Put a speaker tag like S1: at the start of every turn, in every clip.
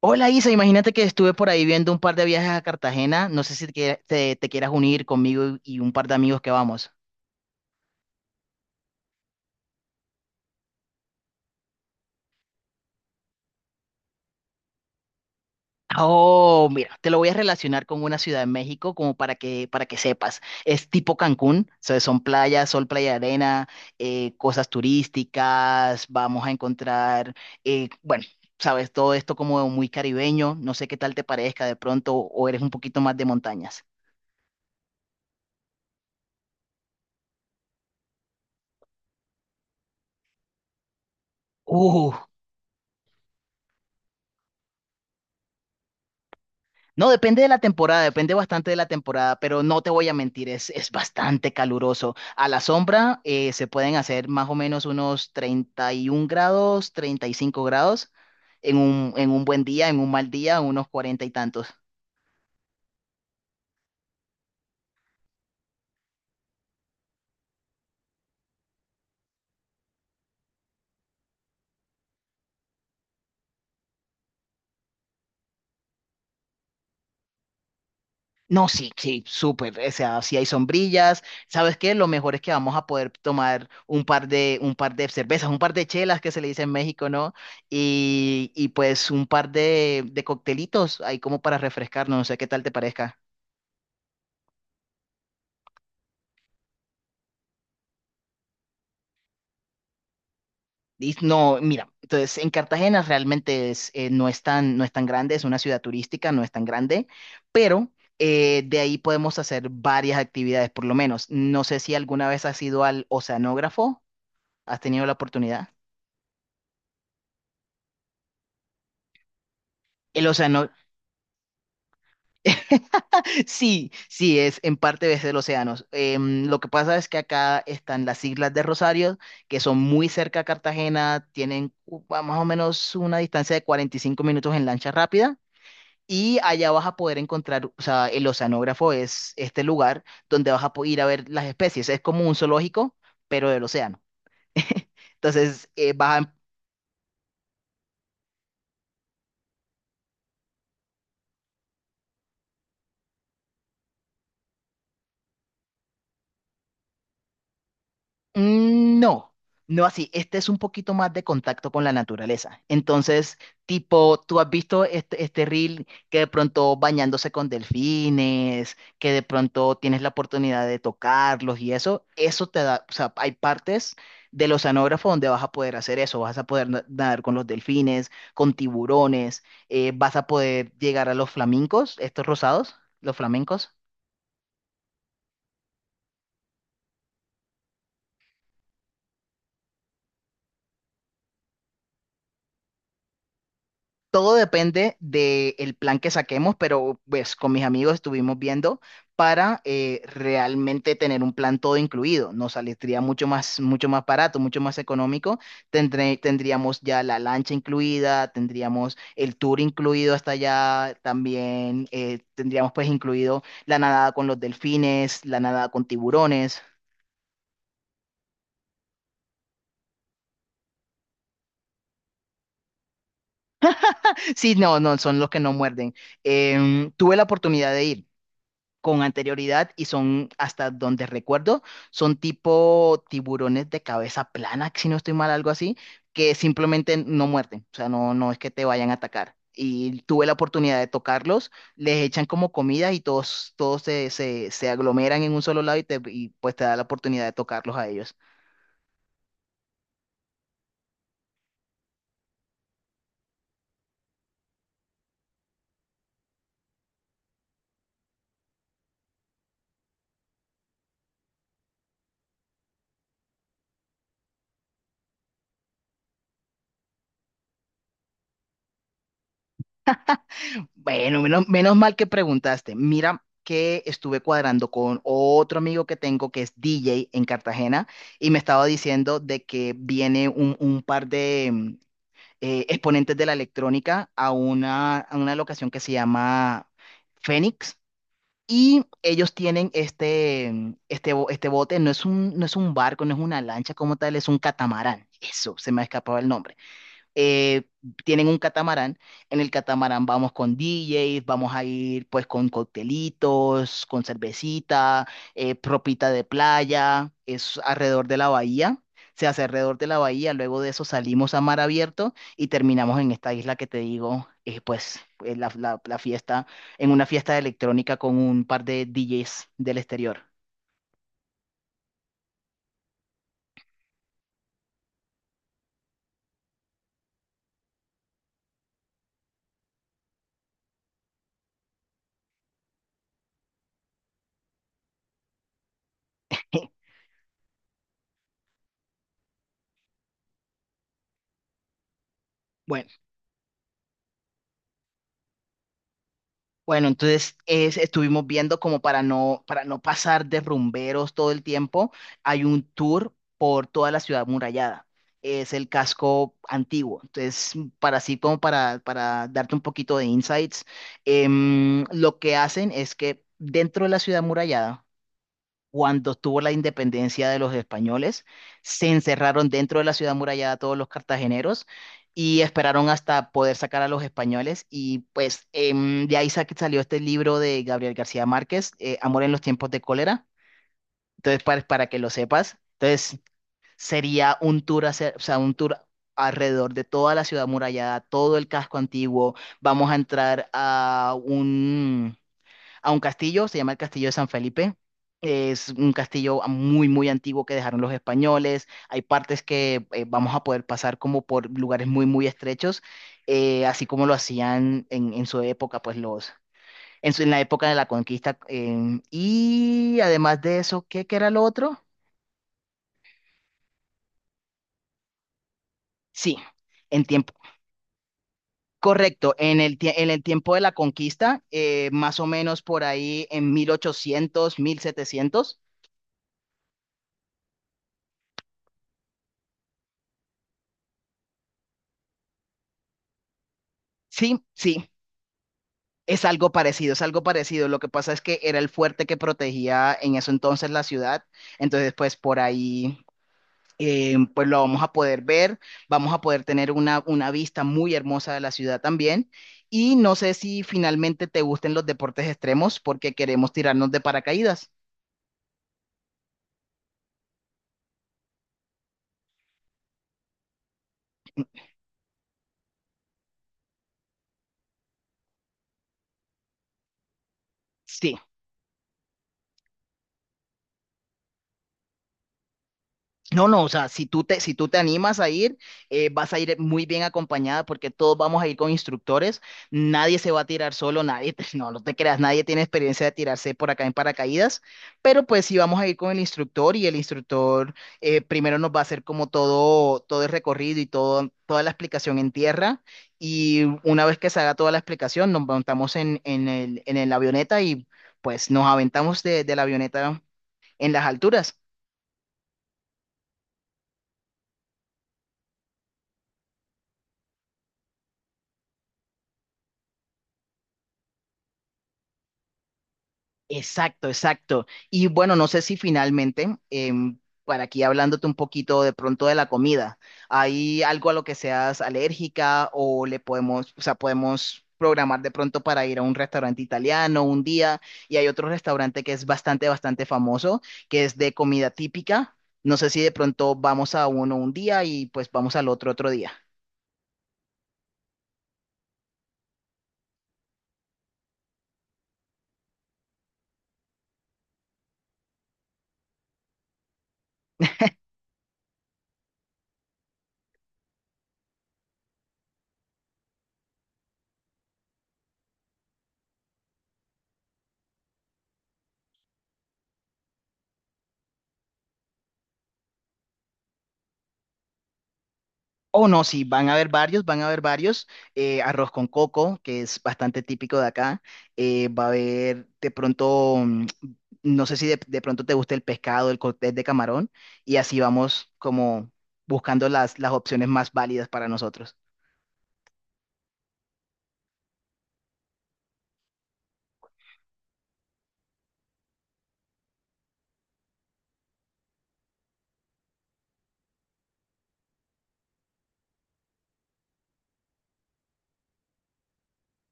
S1: Hola Isa, imagínate que estuve por ahí viendo un par de viajes a Cartagena. No sé si te quieras unir conmigo y un par de amigos que vamos. Oh, mira, te lo voy a relacionar con una ciudad de México como para que sepas. Es tipo Cancún, o sea, son playas, sol, playa, de arena, cosas turísticas, vamos a encontrar, bueno, sabes, todo esto como muy caribeño. No sé qué tal te parezca de pronto o eres un poquito más de montañas. No, depende de la temporada, depende bastante de la temporada, pero no te voy a mentir, es bastante caluroso. A la sombra se pueden hacer más o menos unos 31 grados, 35 grados en un buen día, en un mal día, unos cuarenta y tantos. No, sí, sí, súper. O sea, si hay sombrillas, ¿sabes qué? Lo mejor es que vamos a poder tomar un par de cervezas, un par de chelas que se le dice en México, ¿no? Y pues un par de coctelitos ahí como para refrescarnos, no sé qué tal te parezca. No, mira, entonces en Cartagena realmente es, no es tan grande, es una ciudad turística, no es tan grande, pero de ahí podemos hacer varias actividades, por lo menos. No sé si alguna vez has ido al oceanógrafo, has tenido la oportunidad. El océano, sí, sí, es en parte desde los océanos. Lo que pasa es que acá están las Islas de Rosario, que son muy cerca a Cartagena, tienen más o menos una distancia de 45 minutos en lancha rápida. Y allá vas a poder encontrar, o sea, el oceanógrafo es este lugar donde ir a ver las especies. Es como un zoológico, pero del océano. Entonces, vas a... No, no así. Este es un poquito más de contacto con la naturaleza. Entonces, tipo, tú has visto este reel que de pronto bañándose con delfines, que de pronto tienes la oportunidad de tocarlos y eso te da, o sea, hay partes del oceanógrafo donde vas a poder hacer eso. Vas a poder nadar con los delfines, con tiburones, vas a poder llegar a los flamencos, estos rosados, los flamencos. Todo depende del plan que saquemos, pero pues con mis amigos estuvimos viendo para realmente tener un plan todo incluido. Nos saldría mucho más barato, mucho más económico. Tendríamos ya la lancha incluida, tendríamos el tour incluido hasta allá, también tendríamos pues incluido la nadada con los delfines, la nadada con tiburones. Sí, no, no, son los que no muerden. Tuve la oportunidad de ir con anterioridad y son, hasta donde recuerdo, son tipo tiburones de cabeza plana, si no estoy mal, algo así, que simplemente no muerden, o sea, no, no es que te vayan a atacar. Y tuve la oportunidad de tocarlos, les echan como comida y todos, todos se aglomeran en un solo lado y, te, y pues te da la oportunidad de tocarlos a ellos. Bueno, menos, menos mal que preguntaste. Mira que estuve cuadrando con otro amigo que tengo que es DJ en Cartagena y me estaba diciendo de que viene un par de exponentes de la electrónica a a una locación que se llama Fénix y ellos tienen este bote, no es no es un barco, no es una lancha como tal, es un catamarán. Eso, se me ha escapado el nombre. eh, Tienen un catamarán. En el catamarán vamos con DJs, vamos a ir pues con coctelitos, con cervecita, propita de playa, es alrededor de la bahía. Se hace alrededor de la bahía, luego de eso salimos a mar abierto y terminamos en esta isla que te digo, la fiesta, en una fiesta electrónica con un par de DJs del exterior. Bueno. Bueno, estuvimos viendo como para no pasar de rumberos todo el tiempo, hay un tour por toda la ciudad murallada. Es el casco antiguo. Entonces, para así como para darte un poquito de insights, lo que hacen es que dentro de la ciudad murallada cuando tuvo la independencia de los españoles, se encerraron dentro de la ciudad amurallada todos los cartageneros y esperaron hasta poder sacar a los españoles. Y pues de ahí salió este libro de Gabriel García Márquez, Amor en los tiempos de cólera. Entonces, para que lo sepas, entonces sería un tour, hacer, o sea, un tour alrededor de toda la ciudad amurallada, todo el casco antiguo. Vamos a entrar a un castillo, se llama el Castillo de San Felipe. Es un castillo muy, muy antiguo que dejaron los españoles. Hay partes que vamos a poder pasar como por lugares muy, muy estrechos, así como lo hacían en su época, pues los, en la época de la conquista. Y además de eso, ¿qué, qué era lo otro? Sí, en tiempo. Correcto, en el tiempo de la conquista, más o menos por ahí en 1800 1700. Sí, sí, es algo parecido, es algo parecido. Lo que pasa es que era el fuerte que protegía en eso entonces la ciudad. Entonces, pues por ahí, pues lo vamos a poder ver. Vamos a poder tener una vista muy hermosa de la ciudad también. Y no sé si finalmente te gusten los deportes extremos porque queremos tirarnos de paracaídas. Sí, no, no, o sea, si tú te animas a ir, vas a ir muy bien acompañada porque todos vamos a ir con instructores, nadie se va a tirar solo, nadie, no, no te creas, nadie tiene experiencia de tirarse por acá en paracaídas, pero pues sí vamos a ir con el instructor y el instructor primero nos va a hacer como todo, todo el recorrido y todo, toda la explicación en tierra y una vez que se haga toda la explicación nos montamos en el avioneta y pues nos aventamos de la avioneta en las alturas. Exacto, exacto. Y bueno, no sé si finalmente, para aquí hablándote un poquito de pronto de la comida, ¿hay algo a lo que seas alérgica o le podemos, o sea, podemos programar de pronto para ir a un restaurante italiano un día? Y hay otro restaurante que es bastante, bastante famoso, que es de comida típica. No sé si de pronto vamos a uno un día y pues vamos al otro otro día. Oh, no, sí, van a haber varios, van a haber varios. Arroz con coco, que es bastante típico de acá. Va a haber de pronto, no sé si de pronto te gusta el pescado, el cóctel de camarón, y así vamos como buscando las opciones más válidas para nosotros.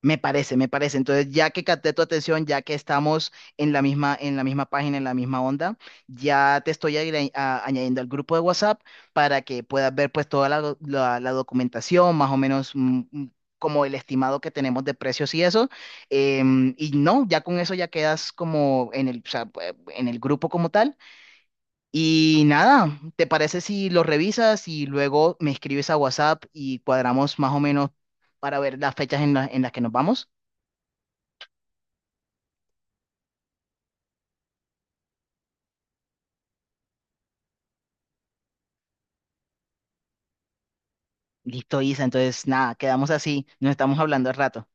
S1: Me parece, me parece. Entonces, ya que capté tu atención, ya que estamos en la misma página, en la misma onda, ya te estoy añadiendo al grupo de WhatsApp para que puedas ver pues toda la, la documentación, más o menos como el estimado que tenemos de precios y eso. Y no, ya con eso ya quedas como en el, o sea, pues, en el grupo como tal. Y nada, ¿te parece si lo revisas y luego me escribes a WhatsApp y cuadramos más o menos para ver las fechas en las que nos vamos? Listo, Isa. Entonces, nada, quedamos así. Nos estamos hablando al rato.